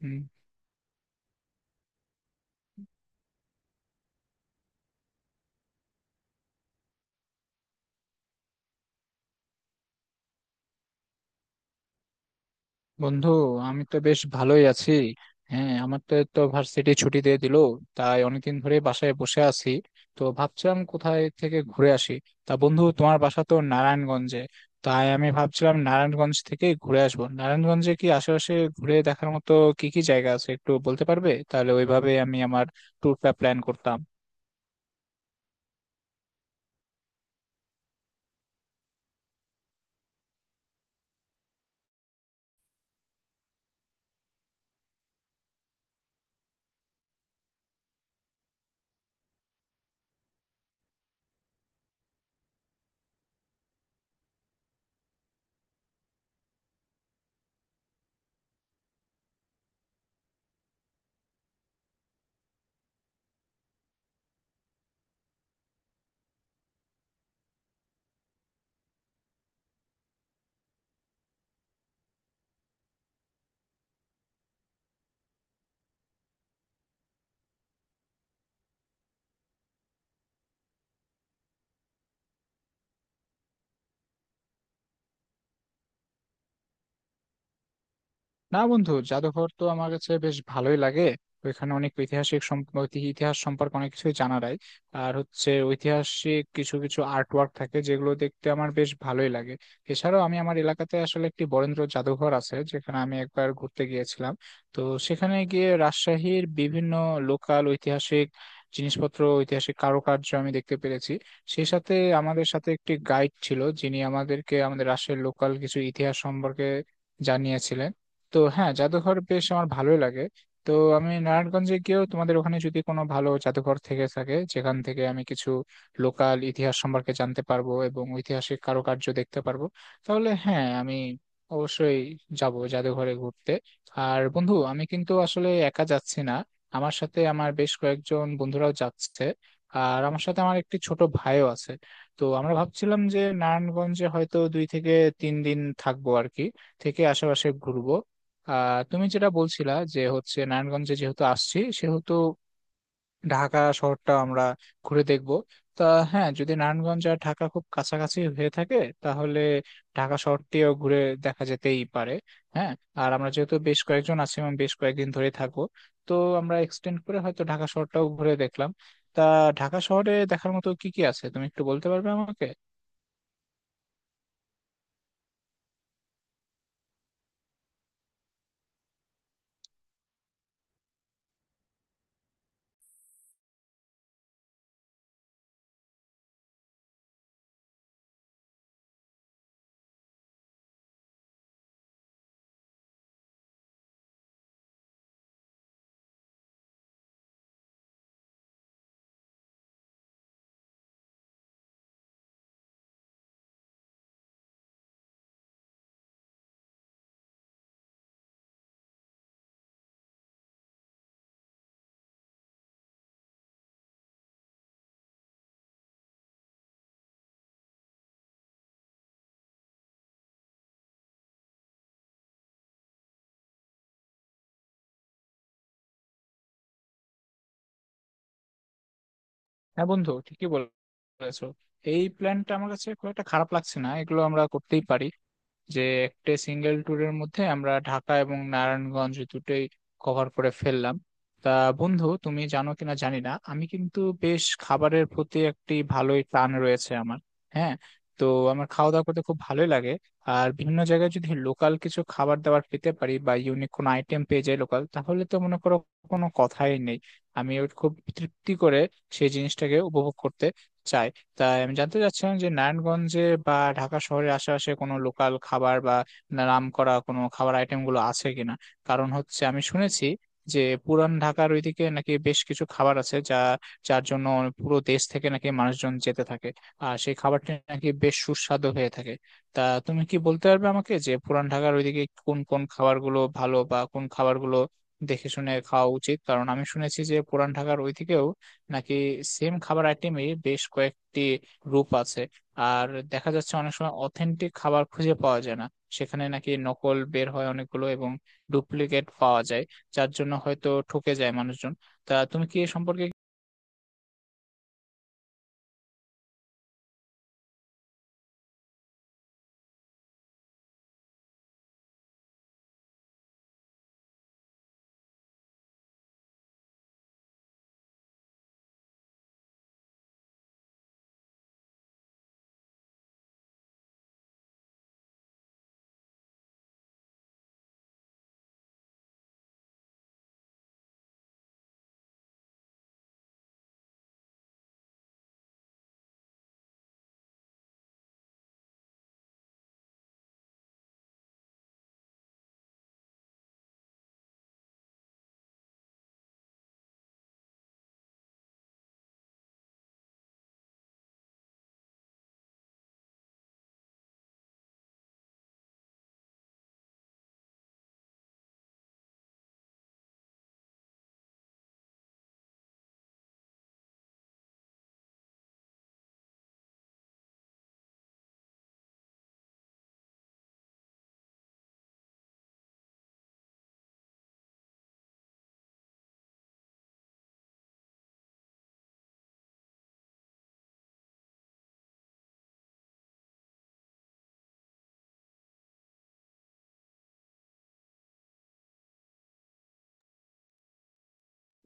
হুম, বন্ধু। আমি তো বেশ ভালোই আছি। হ্যাঁ, আমার তো তো ভার্সিটি ছুটি দিয়ে দিল, তাই অনেকদিন ধরে বাসায় বসে আছি। তো ভাবছিলাম কোথায় থেকে ঘুরে আসি। তা বন্ধু, তোমার বাসা তো নারায়ণগঞ্জে, তাই আমি ভাবছিলাম নারায়ণগঞ্জ থেকে ঘুরে আসবো। নারায়ণগঞ্জে কি আশেপাশে ঘুরে দেখার মতো কি কি জায়গা আছে একটু বলতে পারবে? তাহলে ওইভাবে আমি আমার ট্যুরটা প্ল্যান করতাম। না বন্ধু, জাদুঘর তো আমার কাছে বেশ ভালোই লাগে। ওইখানে অনেক ঐতিহাসিক ইতিহাস সম্পর্কে অনেক কিছুই জানা যায়। আর হচ্ছে ঐতিহাসিক কিছু কিছু আর্ট ওয়ার্ক থাকে যেগুলো দেখতে আমার বেশ ভালোই লাগে। এছাড়াও আমি আমার এলাকাতে আসলে একটি বরেন্দ্র জাদুঘর আছে, যেখানে আমি একবার ঘুরতে গিয়েছিলাম। তো সেখানে গিয়ে রাজশাহীর বিভিন্ন লোকাল ঐতিহাসিক জিনিসপত্র, ঐতিহাসিক কারুকার্য আমি দেখতে পেরেছি। সেই সাথে আমাদের সাথে একটি গাইড ছিল, যিনি আমাদেরকে আমাদের রাজশাহীর লোকাল কিছু ইতিহাস সম্পর্কে জানিয়েছিলেন। তো হ্যাঁ, জাদুঘর বেশ আমার ভালোই লাগে। তো আমি নারায়ণগঞ্জে গিয়েও তোমাদের ওখানে যদি কোনো ভালো জাদুঘর থেকে থাকে, যেখান থেকে আমি কিছু লোকাল ইতিহাস সম্পর্কে জানতে পারবো এবং ঐতিহাসিক কারুকার্য দেখতে পারবো, তাহলে হ্যাঁ, আমি অবশ্যই যাব জাদুঘরে ঘুরতে। আর বন্ধু, আমি কিন্তু আসলে একা যাচ্ছি না। আমার সাথে আমার বেশ কয়েকজন বন্ধুরাও যাচ্ছে। আর আমার সাথে আমার একটি ছোট ভাইও আছে। তো আমরা ভাবছিলাম যে নারায়ণগঞ্জে হয়তো 2 থেকে 3 দিন থাকবো আর কি, থেকে আশেপাশে ঘুরবো। আহ, তুমি যেটা বলছিলা যে হচ্ছে নারায়ণগঞ্জে যেহেতু আসছি, সেহেতু ঢাকা শহরটা আমরা ঘুরে দেখব। তা হ্যাঁ, যদি নারায়ণগঞ্জ আর ঢাকা খুব কাছাকাছি হয়ে থাকে, তাহলে ঢাকা শহরটিও ঘুরে দেখা যেতেই পারে। হ্যাঁ, আর আমরা যেহেতু বেশ কয়েকজন আছি এবং বেশ কয়েকদিন ধরে থাকবো, তো আমরা এক্সটেন্ড করে হয়তো ঢাকা শহরটাও ঘুরে দেখলাম। তা ঢাকা শহরে দেখার মতো কি কি আছে তুমি একটু বলতে পারবে আমাকে? হ্যাঁ বন্ধু, ঠিকই বলেছো। এই প্ল্যানটা আমার কাছে খুব একটা খারাপ লাগছে না, এগুলো আমরা করতেই পারি যে একটা সিঙ্গেল ট্যুরের মধ্যে আমরা ঢাকা এবং নারায়ণগঞ্জ দুটোই কভার করে ফেললাম। তা বন্ধু, তুমি জানো কিনা জানি না, আমি কিন্তু বেশ খাবারের প্রতি একটি ভালোই টান রয়েছে আমার। হ্যাঁ, তো আমার খাওয়া দাওয়া করতে খুব ভালোই লাগে। আর বিভিন্ন জায়গায় যদি লোকাল কিছু খাবার দাবার পেতে পারি বা ইউনিক কোনো আইটেম পেয়ে যাই লোকাল, তাহলে তো মনে করো কোনো কথাই নেই। আমি ওর খুব তৃপ্তি করে সেই জিনিসটাকে উপভোগ করতে চাই। তাই আমি জানতে চাচ্ছিলাম যে নারায়ণগঞ্জে বা ঢাকা শহরের আশেপাশে কোনো লোকাল খাবার বা নামকরা কোনো খাবার আইটেম গুলো আছে কিনা। কারণ হচ্ছে আমি শুনেছি যে পুরান ঢাকার ওইদিকে নাকি বেশ কিছু খাবার আছে যা, যার জন্য পুরো দেশ থেকে নাকি মানুষজন যেতে থাকে, আর সেই খাবারটি নাকি বেশ সুস্বাদু হয়ে থাকে। তা তুমি কি বলতে পারবে আমাকে যে পুরান ঢাকার ওইদিকে কোন কোন খাবারগুলো ভালো বা কোন খাবারগুলো দেখে শুনে খাওয়া উচিত? কারণ আমি শুনেছি যে পুরান ঢাকার ওইদিকেও নাকি সেম খাবার আইটেমই বেশ কয়েকটি রূপ আছে। আর দেখা যাচ্ছে অনেক সময় অথেন্টিক খাবার খুঁজে পাওয়া যায় না, সেখানে নাকি নকল বের হয় অনেকগুলো এবং ডুপ্লিকেট পাওয়া যায়, যার জন্য হয়তো ঠকে যায় মানুষজন। তা তুমি কি এ সম্পর্কে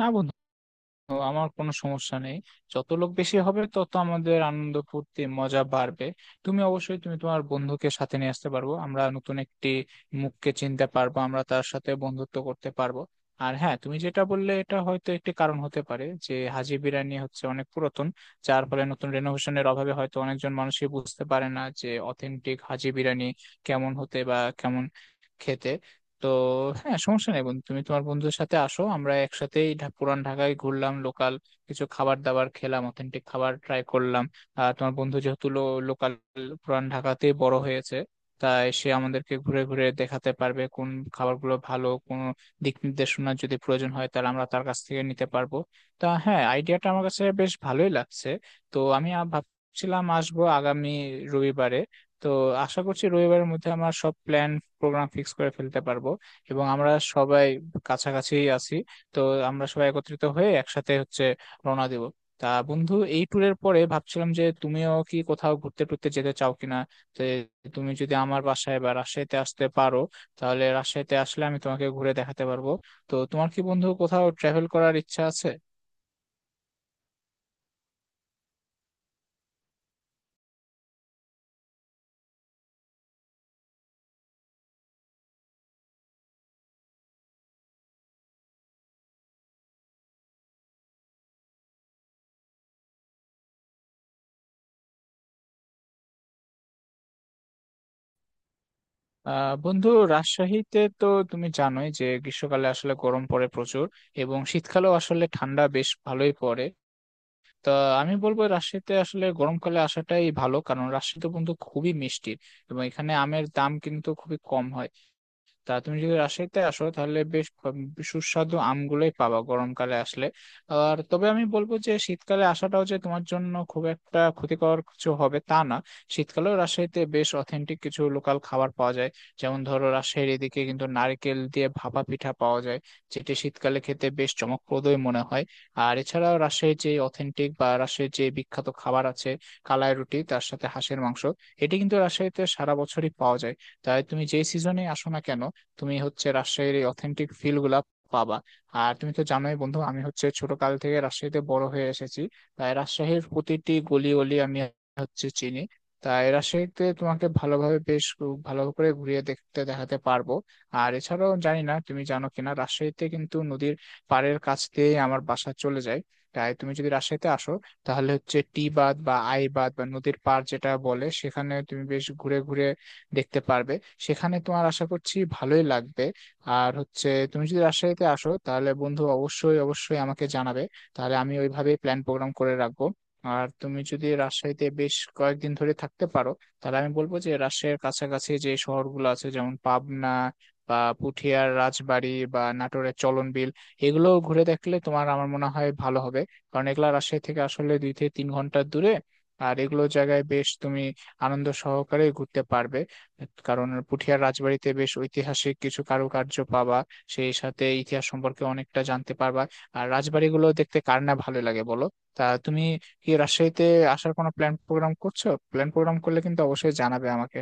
না বন্ধু, তো আমার কোনো সমস্যা নেই। যত লোক বেশি হবে তত আমাদের আনন্দ ফুর্তি মজা বাড়বে। তুমি অবশ্যই তুমি তোমার বন্ধুকে সাথে নিয়ে আসতে পারবো, আমরা নতুন একটি মুখকে চিনতে পারবো, আমরা তার সাথে বন্ধুত্ব করতে পারবো। আর হ্যাঁ, তুমি যেটা বললে এটা হয়তো একটি কারণ হতে পারে যে হাজি বিরিয়ানি হচ্ছে অনেক পুরাতন, যার ফলে নতুন রেনোভেশনের অভাবে হয়তো অনেকজন মানুষই বুঝতে পারে না যে অথেন্টিক হাজি বিরিয়ানি কেমন হতে বা কেমন খেতে। তো হ্যাঁ, সমস্যা নেই বন্ধু, তুমি তোমার বন্ধুদের সাথে আসো, আমরা একসাথেই পুরান ঢাকায় ঘুরলাম, লোকাল কিছু খাবার দাবার খেলাম, অথেন্টিক খাবার ট্রাই করলাম। আর তোমার বন্ধু যেহেতু লোকাল পুরান ঢাকাতে বড় হয়েছে, তাই সে আমাদেরকে ঘুরে ঘুরে দেখাতে পারবে কোন খাবারগুলো ভালো, কোন দিক নির্দেশনা যদি প্রয়োজন হয় তাহলে আমরা তার কাছ থেকে নিতে পারবো। তা হ্যাঁ, আইডিয়াটা আমার কাছে বেশ ভালোই লাগছে। তো আমি ভাবছিলাম আসবো আগামী রবিবারে। তো আশা করছি রবিবারের মধ্যে আমার সব প্ল্যান প্রোগ্রাম ফিক্স করে ফেলতে পারবো, এবং আমরা সবাই কাছাকাছি আছি, তো আমরা সবাই একত্রিত হয়ে একসাথে হচ্ছে রওনা দিব। তা বন্ধু, এই ট্যুরের পরে ভাবছিলাম যে তুমিও কি কোথাও ঘুরতে টুরতে যেতে চাও কিনা, যে তুমি যদি আমার বাসায় বা রাজশাহীতে আসতে পারো, তাহলে রাজশাহীতে আসলে আমি তোমাকে ঘুরে দেখাতে পারবো। তো তোমার কি বন্ধু কোথাও ট্রাভেল করার ইচ্ছা আছে? আহ বন্ধু, রাজশাহীতে তো তুমি জানোই যে গ্রীষ্মকালে আসলে গরম পড়ে প্রচুর, এবং শীতকালেও আসলে ঠান্ডা বেশ ভালোই পড়ে। তা আমি বলবো রাজশাহীতে আসলে গরমকালে আসাটাই ভালো, কারণ রাজশাহীতে কিন্তু খুবই মিষ্টি এবং এখানে আমের দাম কিন্তু খুবই কম হয়। তা তুমি যদি রাজশাহীতে আসো তাহলে বেশ সুস্বাদু আমগুলোই পাবা গরমকালে আসলে। আর তবে আমি বলবো যে শীতকালে আসাটাও যে তোমার জন্য খুব একটা ক্ষতিকর কিছু হবে তা না। শীতকালেও রাজশাহীতে বেশ অথেন্টিক কিছু লোকাল খাবার পাওয়া যায়। যেমন ধরো রাজশাহীর এদিকে কিন্তু নারকেল দিয়ে ভাপা পিঠা পাওয়া যায়, যেটি শীতকালে খেতে বেশ চমকপ্রদই মনে হয়। আর এছাড়াও রাজশাহীর যে অথেন্টিক বা রাজশাহীর যে বিখ্যাত খাবার আছে, কালাই রুটি তার সাথে হাঁসের মাংস, এটি কিন্তু রাজশাহীতে সারা বছরই পাওয়া যায়। তাই তুমি যে সিজনে আসো না কেন, তুমি হচ্ছে রাজশাহীর এই অথেন্টিক ফিল গুলা পাবা। আর তুমি তো জানোই বন্ধু, আমি হচ্ছে ছোট কাল থেকে রাজশাহীতে বড় হয়ে এসেছি, তাই রাজশাহীর প্রতিটি গলি গলি আমি হচ্ছে চিনি। তাই রাজশাহীতে তোমাকে ভালোভাবে বেশ ভালো করে ঘুরিয়ে দেখতে দেখাতে পারবো। আর এছাড়াও জানি না তুমি জানো কিনা, রাজশাহীতে কিন্তু নদীর পাড়ের কাছ দিয়ে আমার বাসা চলে যায়। তাই তুমি যদি রাজশাহীতে আসো, তাহলে হচ্ছে টি বাঁধ বা আই বাঁধ বা নদীর পাড় যেটা বলে সেখানে তুমি বেশ ঘুরে ঘুরে দেখতে পারবে, সেখানে তোমার আশা করছি ভালোই লাগবে। আর হচ্ছে তুমি যদি রাজশাহীতে আসো তাহলে বন্ধু অবশ্যই অবশ্যই আমাকে জানাবে, তাহলে আমি ওইভাবেই প্ল্যান প্রোগ্রাম করে রাখবো। আর তুমি যদি রাজশাহীতে বেশ কয়েকদিন ধরে থাকতে পারো, তাহলে আমি বলবো যে রাজশাহীর কাছাকাছি যে শহরগুলো আছে যেমন পাবনা বা পুঠিয়ার রাজবাড়ি বা নাটোরের চলনবিল, এগুলো ঘুরে দেখলে তোমার আমার মনে হয় ভালো হবে। কারণ এগুলো রাজশাহী থেকে আসলে 2 থেকে 3 ঘন্টার দূরে। আর এগুলো জায়গায় বেশ তুমি আনন্দ সহকারে ঘুরতে পারবে, কারণ পুঠিয়ার রাজবাড়িতে বেশ ঐতিহাসিক কিছু কারুকার্য পাবা, সেই সাথে ইতিহাস সম্পর্কে অনেকটা জানতে পারবা। আর রাজবাড়িগুলো দেখতে কার না ভালো লাগে বলো? তা তুমি কি রাজশাহীতে আসার কোনো প্ল্যান প্রোগ্রাম করছো? প্ল্যান প্রোগ্রাম করলে কিন্তু অবশ্যই জানাবে আমাকে।